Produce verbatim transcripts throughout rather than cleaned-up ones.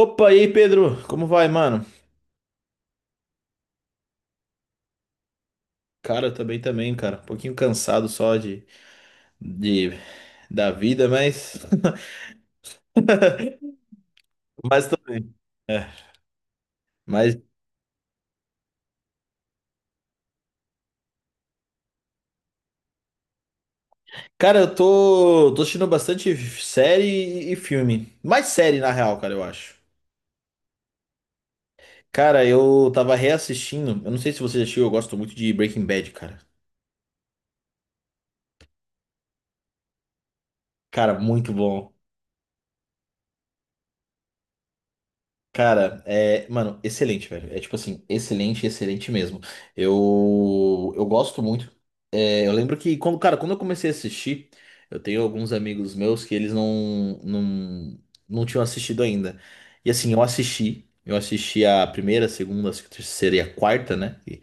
Opa, aí, Pedro? Como vai, mano? Cara, eu também também, cara. Um pouquinho cansado só de, de da vida, mas mas também. É, mas cara, eu tô tô assistindo bastante série e, e filme. Mais série na real, cara, eu acho. Cara, eu tava reassistindo, eu não sei se você já assistiu, eu gosto muito de Breaking Bad, cara. Cara, muito bom. Cara, é, mano, excelente, velho. É tipo assim, excelente, excelente mesmo. Eu eu gosto muito. É, eu lembro que quando, cara, quando eu comecei a assistir, eu tenho alguns amigos meus que eles não, não, não tinham assistido ainda. E assim, eu assisti, eu assisti a primeira, a segunda, a terceira e a quarta, né? E,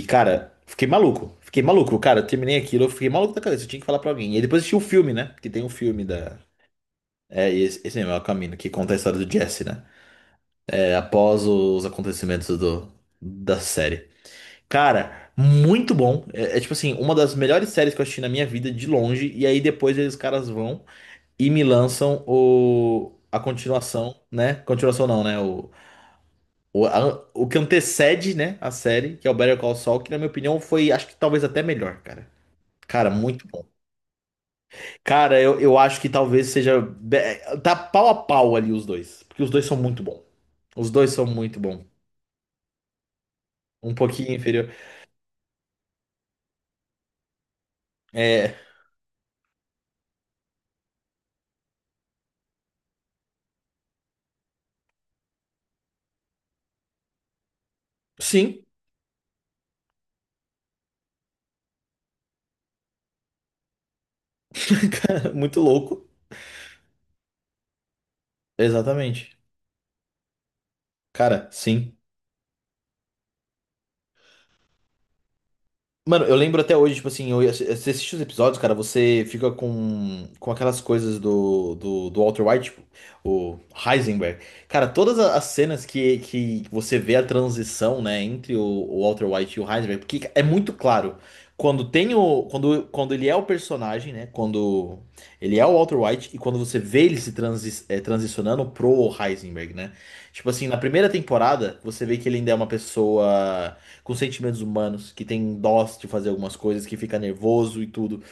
e, cara, fiquei maluco, fiquei maluco, cara, eu terminei aquilo, eu fiquei maluco da cabeça, eu tinha que falar pra alguém. E depois assisti o filme, né? Porque tem um filme da. É, e esse, esse mesmo, é o caminho, que conta a história do Jesse, né? É, após os acontecimentos do, da série. Cara, muito bom. É, é, tipo assim, uma das melhores séries que eu assisti na minha vida, de longe. E aí depois eles caras vão e me lançam o, a continuação, né? Continuação não, né? O, o, a- o que antecede, né? A série, que é o Better Call Saul, que na minha opinião foi, acho que talvez até melhor, cara. Cara, muito bom. Cara, eu, eu acho que talvez seja. Be- tá pau a pau ali os dois. Porque os dois são muito bons. Os dois são muito bons. Um pouquinho inferior. É. Sim, cara, muito louco. Exatamente. Cara, sim. Mano, eu lembro até hoje, tipo assim, eu, ia- você assiste os episódios, cara, você fica com, com aquelas coisas do, do, do Walter White, tipo, o Heisenberg. Cara, todas a- as cenas que, que você vê a transição, né, entre o, o Walter White e o Heisenberg, porque é muito claro. Quando tem o. Quando, quando ele é o personagem, né? Quando ele é o Walter White e quando você vê ele se transi eh, transicionando pro Heisenberg, né? Tipo assim, na primeira temporada, você vê que ele ainda é uma pessoa com sentimentos humanos, que tem dó de fazer algumas coisas, que fica nervoso e tudo.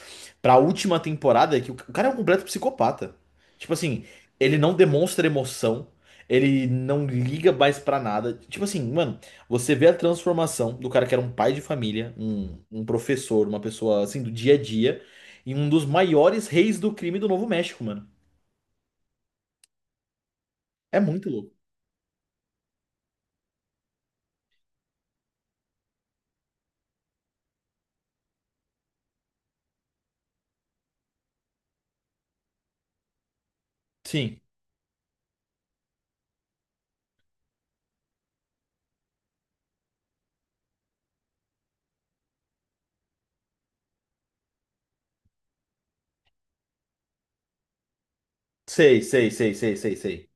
Pra última temporada, é que o cara é um completo psicopata. Tipo assim, ele não demonstra emoção, ele não liga mais pra nada. Tipo assim, mano, você vê a transformação do cara que era um pai de família, um, um professor, uma pessoa assim do dia a dia, em um dos maiores reis do crime do Novo México, mano. É muito louco. Sim. Sei, sei, sei, sei, sei, sei.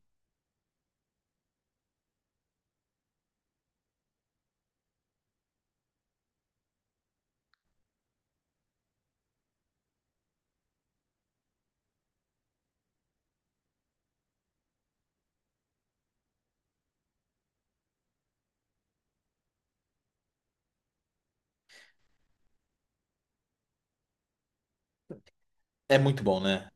É muito bom, né?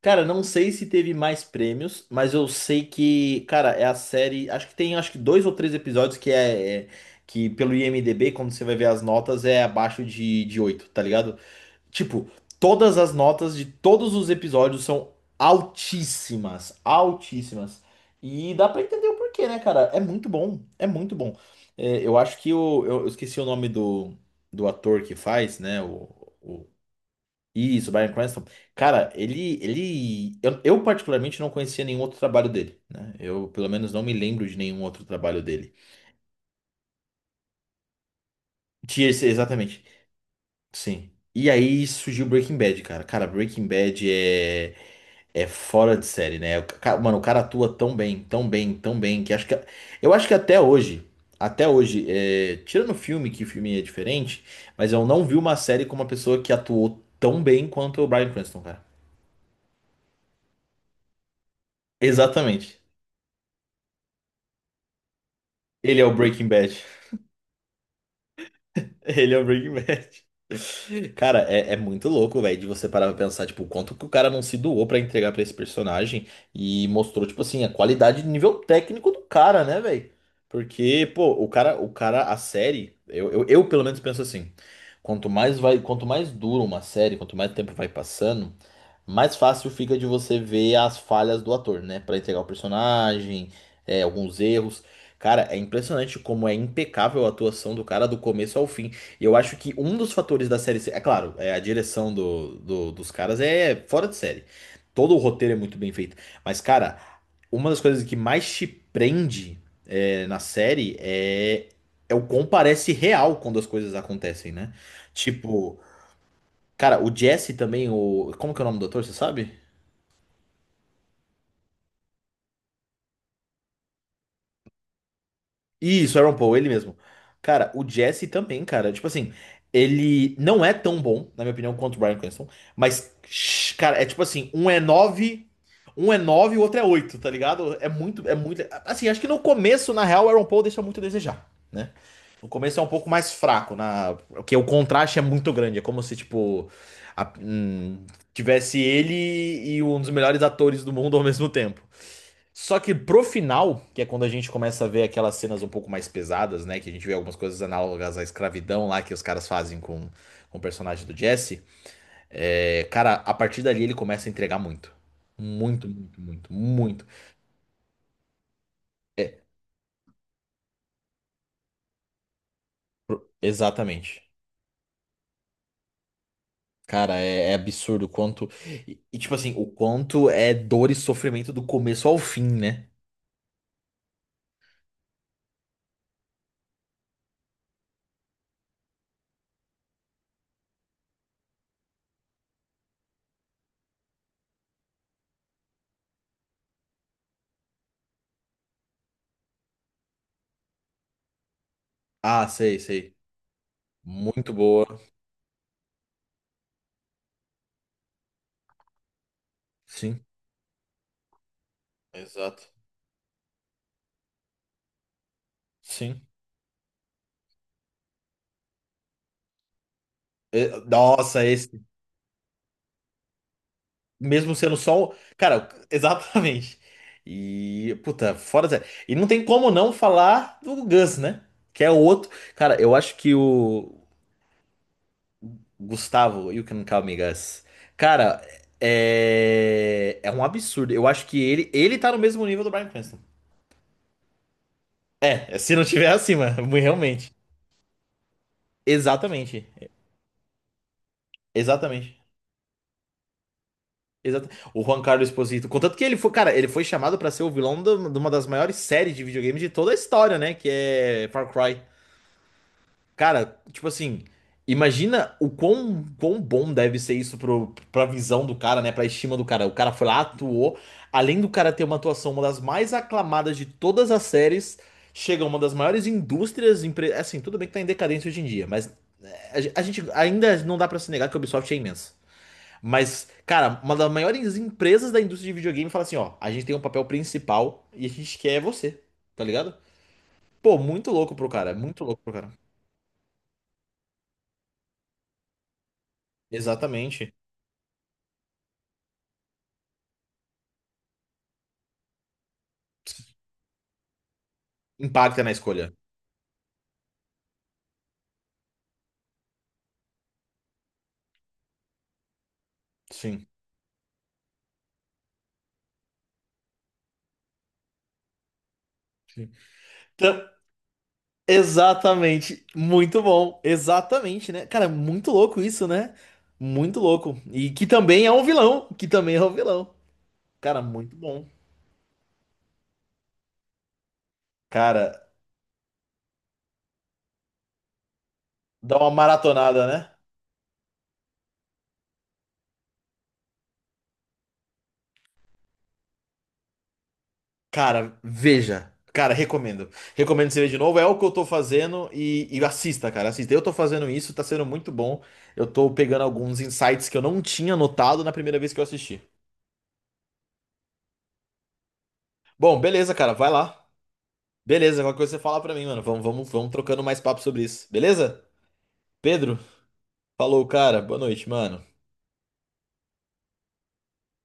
Cara, não sei se teve mais prêmios, mas eu sei que, cara, é a série. Acho que tem acho que dois ou três episódios que é, é- que pelo I M D B, quando você vai ver as notas, é abaixo de, de oito tá ligado? Tipo, todas as notas de todos os episódios são altíssimas, altíssimas. E dá pra entender o porquê, né, cara? É muito bom, é muito bom. É, eu acho que o, eu, eu esqueci o nome do, do ator que faz, né? O, isso, Bryan Cranston. Cara, ele, ele, eu, eu particularmente não conhecia nenhum outro trabalho dele, né? Eu, pelo menos, não me lembro de nenhum outro trabalho dele. Tinha esse- exatamente. Sim. E aí surgiu Breaking Bad, cara. Cara, Breaking Bad é é fora de série, né? O ca- mano, o cara atua tão bem, tão bem, tão bem que acho que eu acho que até hoje, até hoje, é, tirando o filme, que o filme é diferente, mas eu não vi uma série com uma pessoa que atuou tão bem quanto o Bryan Cranston, cara. Exatamente. Ele é o Breaking Bad. Ele é o Breaking Bad. Cara, é, é muito louco, velho, de você parar pra pensar, tipo, o quanto que o cara não se doou pra entregar pra esse personagem e mostrou, tipo assim, a qualidade de nível técnico do cara, né, velho? Porque, pô, o cara, o cara, a série, eu, eu, eu pelo menos penso assim, quanto mais vai, quanto mais dura uma série, quanto mais tempo vai passando, mais fácil fica de você ver as falhas do ator, né? Pra entregar o personagem, é, alguns erros. Cara, é impressionante como é impecável a atuação do cara do começo ao fim. E eu acho que um dos fatores da série. É claro, é, a direção do, do- dos caras é fora de série. Todo o roteiro é muito bem feito. Mas, cara, uma das coisas que mais te prende é, na série é, é o quão parece real quando as coisas acontecem, né? Tipo, cara, o Jesse também, o. Como que é o nome do ator, você sabe? Isso, Aaron Paul, ele mesmo. Cara, o Jesse também, cara. Tipo assim, ele não é tão bom, na minha opinião, quanto o Bryan Cranston. Mas, shh, cara, é tipo assim, um é nove, um é nove e o outro é oito, tá ligado? É muito, é muito. Assim, acho que no começo, na real, o Aaron Paul deixa muito a desejar, né? No começo é um pouco mais fraco, na, porque o contraste é muito grande. É como se, tipo, a- hum, tivesse ele e um dos melhores atores do mundo ao mesmo tempo. Só que pro final, que é quando a gente começa a ver aquelas cenas um pouco mais pesadas, né? Que a gente vê algumas coisas análogas à escravidão lá que os caras fazem com, com o personagem do Jesse. É, cara, a partir dali ele começa a entregar muito. Muito, muito, muito, muito. É, exatamente. Cara, é, é absurdo o quanto. E, e, tipo assim, o quanto é dor e sofrimento do começo ao fim, né? Ah, sei, sei. Muito boa. Sim. Exato. Sim. É, nossa, esse. Mesmo sendo só. Um- cara, exatamente. E, puta, fora Zé. E não tem como não falar do Gus, né? Que é o outro. Cara, eu acho que o Gustavo, You Can Call Me Gus. Cara, é. É um absurdo. Eu acho que ele, ele tá no mesmo nível do Bryan Cranston. É, se não tiver acima, realmente. Exatamente. Exatamente. Exata- o Juan Carlos Esposito. Contanto que ele foi, cara, ele foi chamado pra ser o vilão do- de uma das maiores séries de videogame de toda a história, né? Que é Far Cry. Cara, tipo assim, imagina o quão, quão bom deve ser isso pro, pra visão do cara, né? Pra estima do cara. O cara foi lá, atuou. Além do cara ter uma atuação, uma das mais aclamadas de todas as séries, chega uma das maiores indústrias. Empre- assim, tudo bem que tá em decadência hoje em dia, mas a, ge- a gente ainda não dá pra se negar que a Ubisoft é imensa. Mas, cara, uma das maiores empresas da indústria de videogame fala assim: ó, a gente tem um papel principal e a gente quer você, tá ligado? Pô, muito louco pro cara, muito louco pro cara. Exatamente. Impacta na escolha. Sim, sim. Então, exatamente. Muito bom. Exatamente, né? Cara, muito louco isso, né? Muito louco. E que também é um vilão. Que também é um vilão. Cara, muito bom. Cara, dá uma maratonada, né? Cara, veja. Cara, recomendo. Recomendo você ver de novo. É o que eu tô fazendo e, e assista, cara. Assista. Eu tô fazendo isso, tá sendo muito bom. Eu tô pegando alguns insights que eu não tinha notado na primeira vez que eu assisti. Bom, beleza, cara. Vai lá. Beleza, qualquer coisa você fala pra mim, mano. Vamos, vamos, vamos trocando mais papo sobre isso. Beleza? Pedro, falou, cara. Boa noite, mano.